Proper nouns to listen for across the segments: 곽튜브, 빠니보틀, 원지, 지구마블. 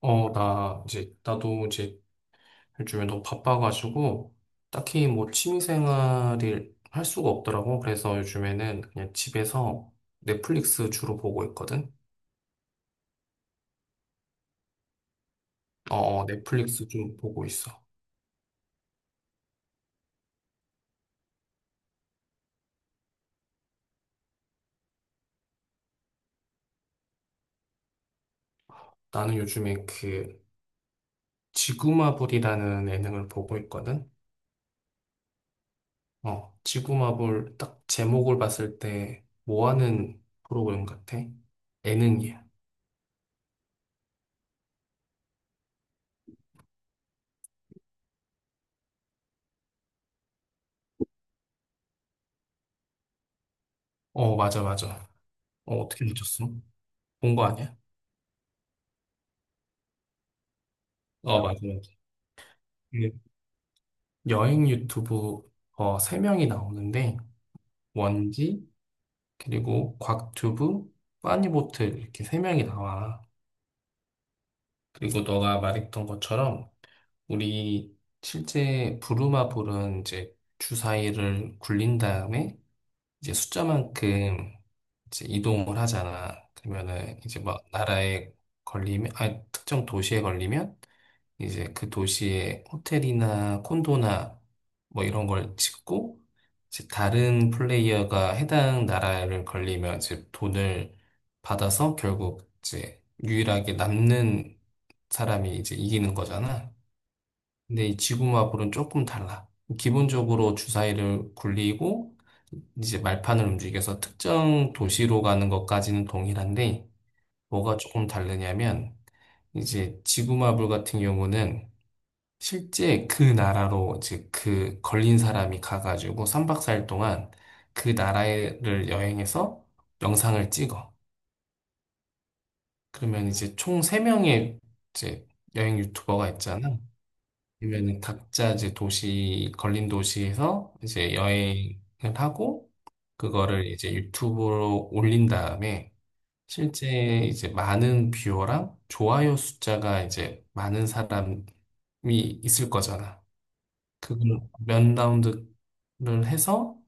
어, 나 이제 나도 이제 요즘에 너무 바빠가지고 딱히 뭐 취미생활을 할 수가 없더라고. 그래서 요즘에는 그냥 집에서 넷플릭스 주로 보고 있거든. 어, 어, 넷플릭스 좀 보고 있어. 나는 요즘에 그 지구마블이라는 예능을 보고 있거든. 어, 지구마블 딱 제목을 봤을 때 뭐 하는 프로그램 같아? 예능이야. 어, 맞아, 맞아. 어, 어떻게 늦었어? 본 거 아니야? 어, 맞아, 맞아. 그 여행 유튜브 세 명이 나오는데 원지 그리고 곽튜브 빠니보틀 이렇게 세 명이 나와. 그리고 너가 말했던 것처럼 우리 실제 부루마블은 이제 주사위를 굴린 다음에 이제 숫자만큼 이제 이동을 하잖아. 그러면은 이제 막 나라에 걸리면 아 특정 도시에 걸리면 이제 그 도시에 호텔이나 콘도나 뭐 이런 걸 짓고 이제 다른 플레이어가 해당 나라를 걸리면 이제 돈을 받아서 결국 이제 유일하게 남는 사람이 이제 이기는 거잖아. 근데 이 지구마블은 조금 달라. 기본적으로 주사위를 굴리고 이제 말판을 움직여서 특정 도시로 가는 것까지는 동일한데 뭐가 조금 다르냐면 이제 지구마블 같은 경우는 실제 그 나라로 즉 그 걸린 사람이 가가지고 3박 4일 동안 그 나라를 여행해서 영상을 찍어. 그러면 이제 총 3명의 이제 여행 유튜버가 있잖아. 그러면은 각자 이제 도시 걸린 도시에서 이제 여행을 하고 그거를 이제 유튜브로 올린 다음에 실제 이제 많은 뷰어랑 좋아요 숫자가 이제 많은 사람이 있을 거잖아. 그걸 몇 라운드를 해서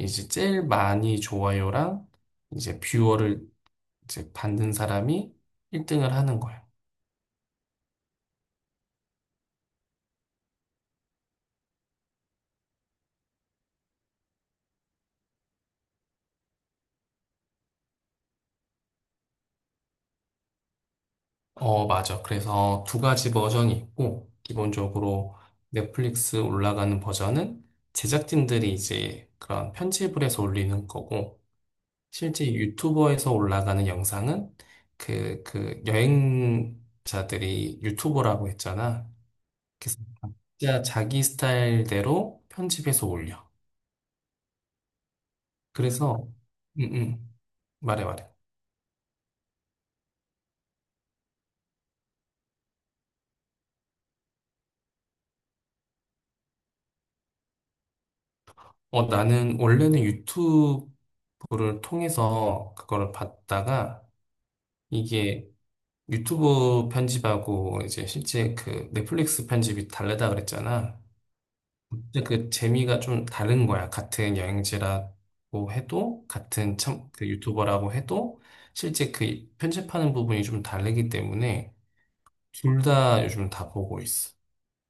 이제 제일 많이 좋아요랑 이제 뷰어를 이제 받는 사람이 1등을 하는 거예요. 어, 맞아. 그래서 두 가지 버전이 있고, 기본적으로 넷플릭스 올라가는 버전은 제작진들이 이제 그런 편집을 해서 올리는 거고, 실제 유튜버에서 올라가는 영상은 그 여행자들이 유튜버라고 했잖아. 그 진짜 자기 스타일대로 편집해서 올려. 그래서, 음, 음. 말해, 말해. 어, 나는 원래는 유튜브를 통해서 그거를 봤다가 이게 유튜브 편집하고 이제 실제 그 넷플릭스 편집이 다르다 그랬잖아. 근데 그 재미가 좀 다른 거야. 같은 여행지라고 해도, 같은 참, 그 유튜버라고 해도 실제 그 편집하는 부분이 좀 다르기 때문에 둘 다 요즘 다 보고 있어.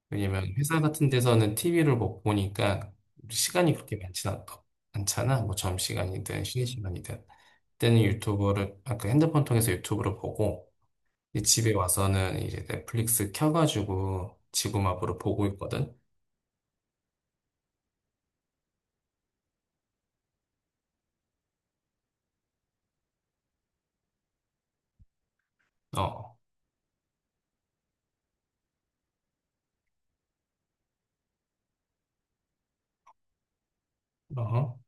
왜냐면 회사 같은 데서는 TV를 못 보니까 시간이 그렇게 많진 않잖아. 뭐 점심시간이든 쉬는 시간이든. 그때는 유튜브를, 아까 핸드폰 통해서 유튜브를 보고, 이제 집에 와서는 이제 넷플릭스 켜가지고 지구마블을 보고 있거든. 어, 어.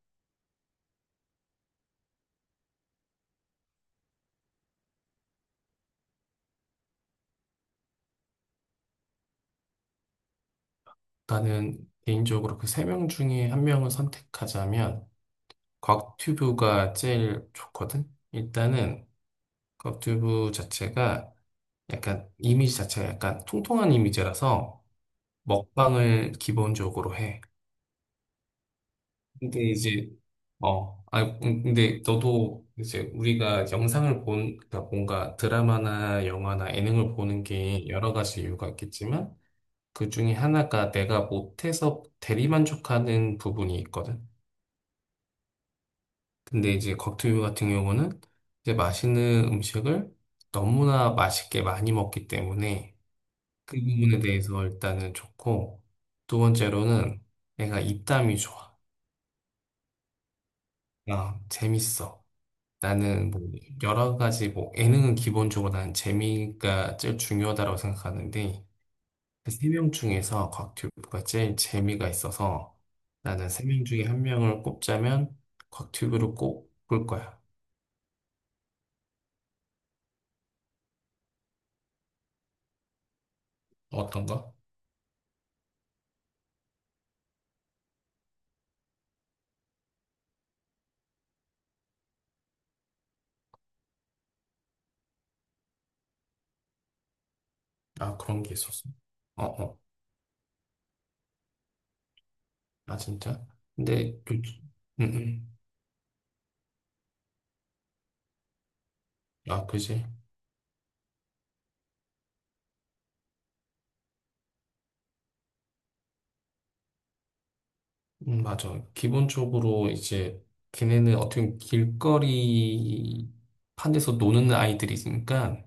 나는 개인적으로 그 세 명 중에 한 명을 선택하자면, 곽튜브가 제일 좋거든. 일단은 곽튜브 자체가 약간 이미지 자체가 약간 통통한 이미지라서, 먹방을 기본적으로 해. 근데 이제, 근데 너도 이제 우리가 영상을 본, 그러니까 뭔가 드라마나 영화나 예능을 보는 게 여러 가지 이유가 있겠지만, 그 중에 하나가 내가 못해서 대리만족하는 부분이 있거든. 근데 이제 곽튜브 같은 경우는 이제 맛있는 음식을 너무나 맛있게 많이 먹기 때문에 그 부분에 대해서 일단은 좋고, 두 번째로는 내가 입담이 좋아. 아, 재밌어. 나는 뭐 여러 가지 뭐 예능은 기본적으로 나는 재미가 제일 중요하다고 생각하는데 그 세명 중에서 곽튜브가 제일 재미가 있어서 나는 세 명 중에 한 명을 꼽자면 곽튜브를 꼽을 거야. 어떤 가 아, 그런 게 있었어. 어, 어. 아, 진짜? 근데 요 음, 음. 아, 그지? 맞아. 기본적으로 이제 걔네는 어떻게 보면 길거리 판에서 노는 아이들이니까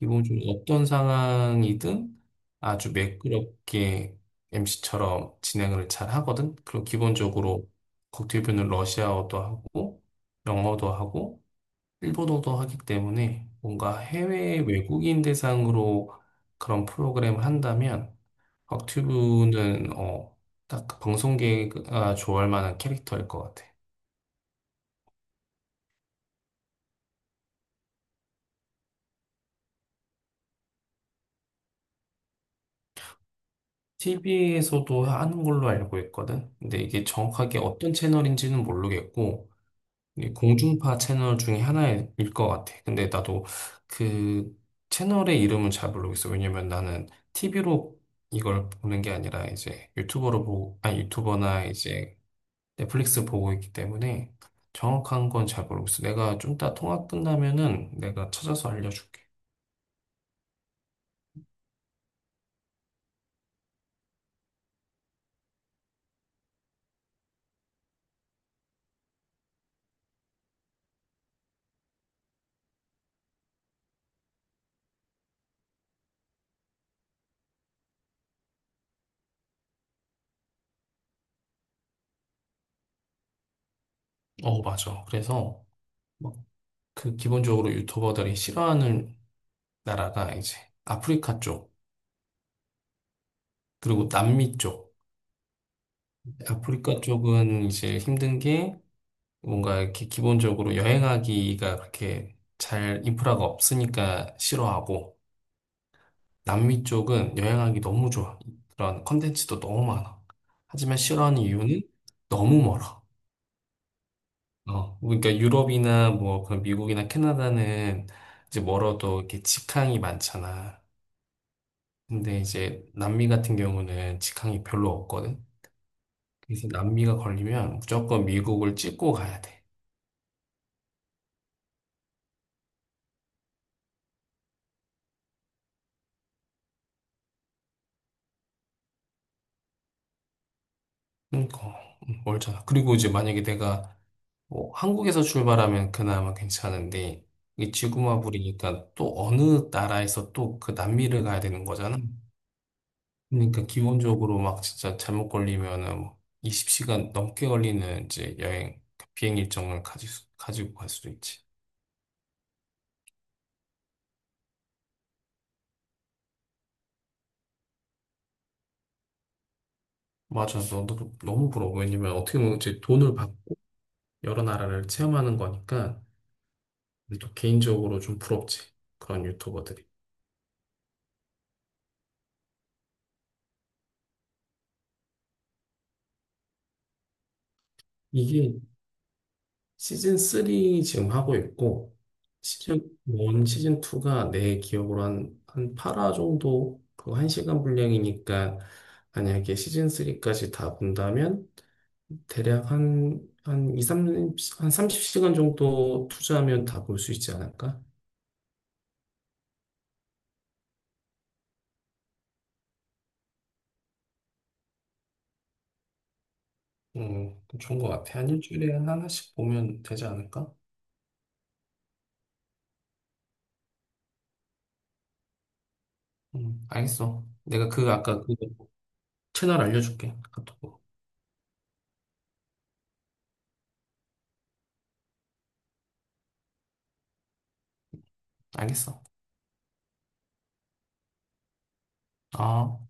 기본적으로 어떤 상황이든 아주 매끄럽게 MC처럼 진행을 잘 하거든. 그리고 기본적으로 국제표는 러시아어도 하고 영어도 하고 일본어도 하기 때문에 뭔가 해외 외국인 대상으로 그런 프로그램을 한다면 곽튜브는 어, 딱그 방송계가 좋아할 만한 캐릭터일 것 같아. TV에서도 하는 걸로 알고 있거든. 근데 이게 정확하게 어떤 채널인지는 모르겠고 이게 공중파 채널 중에 하나일 것 같아. 근데 나도 그 채널의 이름은 잘 모르겠어. 왜냐면 나는 TV로 이걸 보는 게 아니라 이제 유튜버로 보고, 아니 유튜버나 이제 넷플릭스 보고 있기 때문에 정확한 건 잘 모르겠어. 내가 좀 이따 통화 끝나면은 내가 찾아서 알려줄게. 어, 맞아. 그래서 막 그 기본적으로 유튜버들이 싫어하는 나라가 이제 아프리카 쪽, 그리고 남미 쪽. 아프리카 쪽은 이제 힘든 게 뭔가 이렇게 기본적으로 여행하기가 그렇게 잘 인프라가 없으니까 싫어하고, 남미 쪽은 여행하기 너무 좋아. 그런 컨텐츠도 너무 많아. 하지만 싫어하는 이유는 너무 멀어. 어, 그러니까 유럽이나 뭐 그런 미국이나 캐나다는 이제 멀어도 이렇게 직항이 많잖아. 근데 이제 남미 같은 경우는 직항이 별로 없거든. 그래서 남미가 걸리면 무조건 미국을 찍고 가야 돼. 그러니까 멀잖아. 그리고 이제 만약에 내가 뭐 한국에서 출발하면 그나마 괜찮은데 이 지구마블이니까 또 어느 나라에서 또 그 남미를 가야 되는 거잖아. 그러니까 기본적으로 막 진짜 잘못 걸리면은 뭐 20시간 넘게 걸리는 이제 여행 비행 일정을 가지고 갈 수도 있지. 맞아, 너, 너 너무 부러워. 왜냐면 어떻게 보면 이제 돈을 받고 여러 나라를 체험하는 거니까 또 개인적으로 좀 부럽지. 그런 유튜버들이. 이게 시즌 3 지금 하고 있고, 시즌 1, 시즌 2가 내 기억으로 한, 한, 8화 정도, 그 1시간 분량이니까, 만약에 시즌 3까지 다 본다면, 대략 한 2, 3, 한삼0시간 정도 투자하면 다 볼 수 있지 않을까? 좋은 것 같아. 한 일주일에 하나씩 보면 되지 않을까? 알겠어. 내가 그, 아까 그 채널 알려줄게. 카톡으로. 알겠어. 아.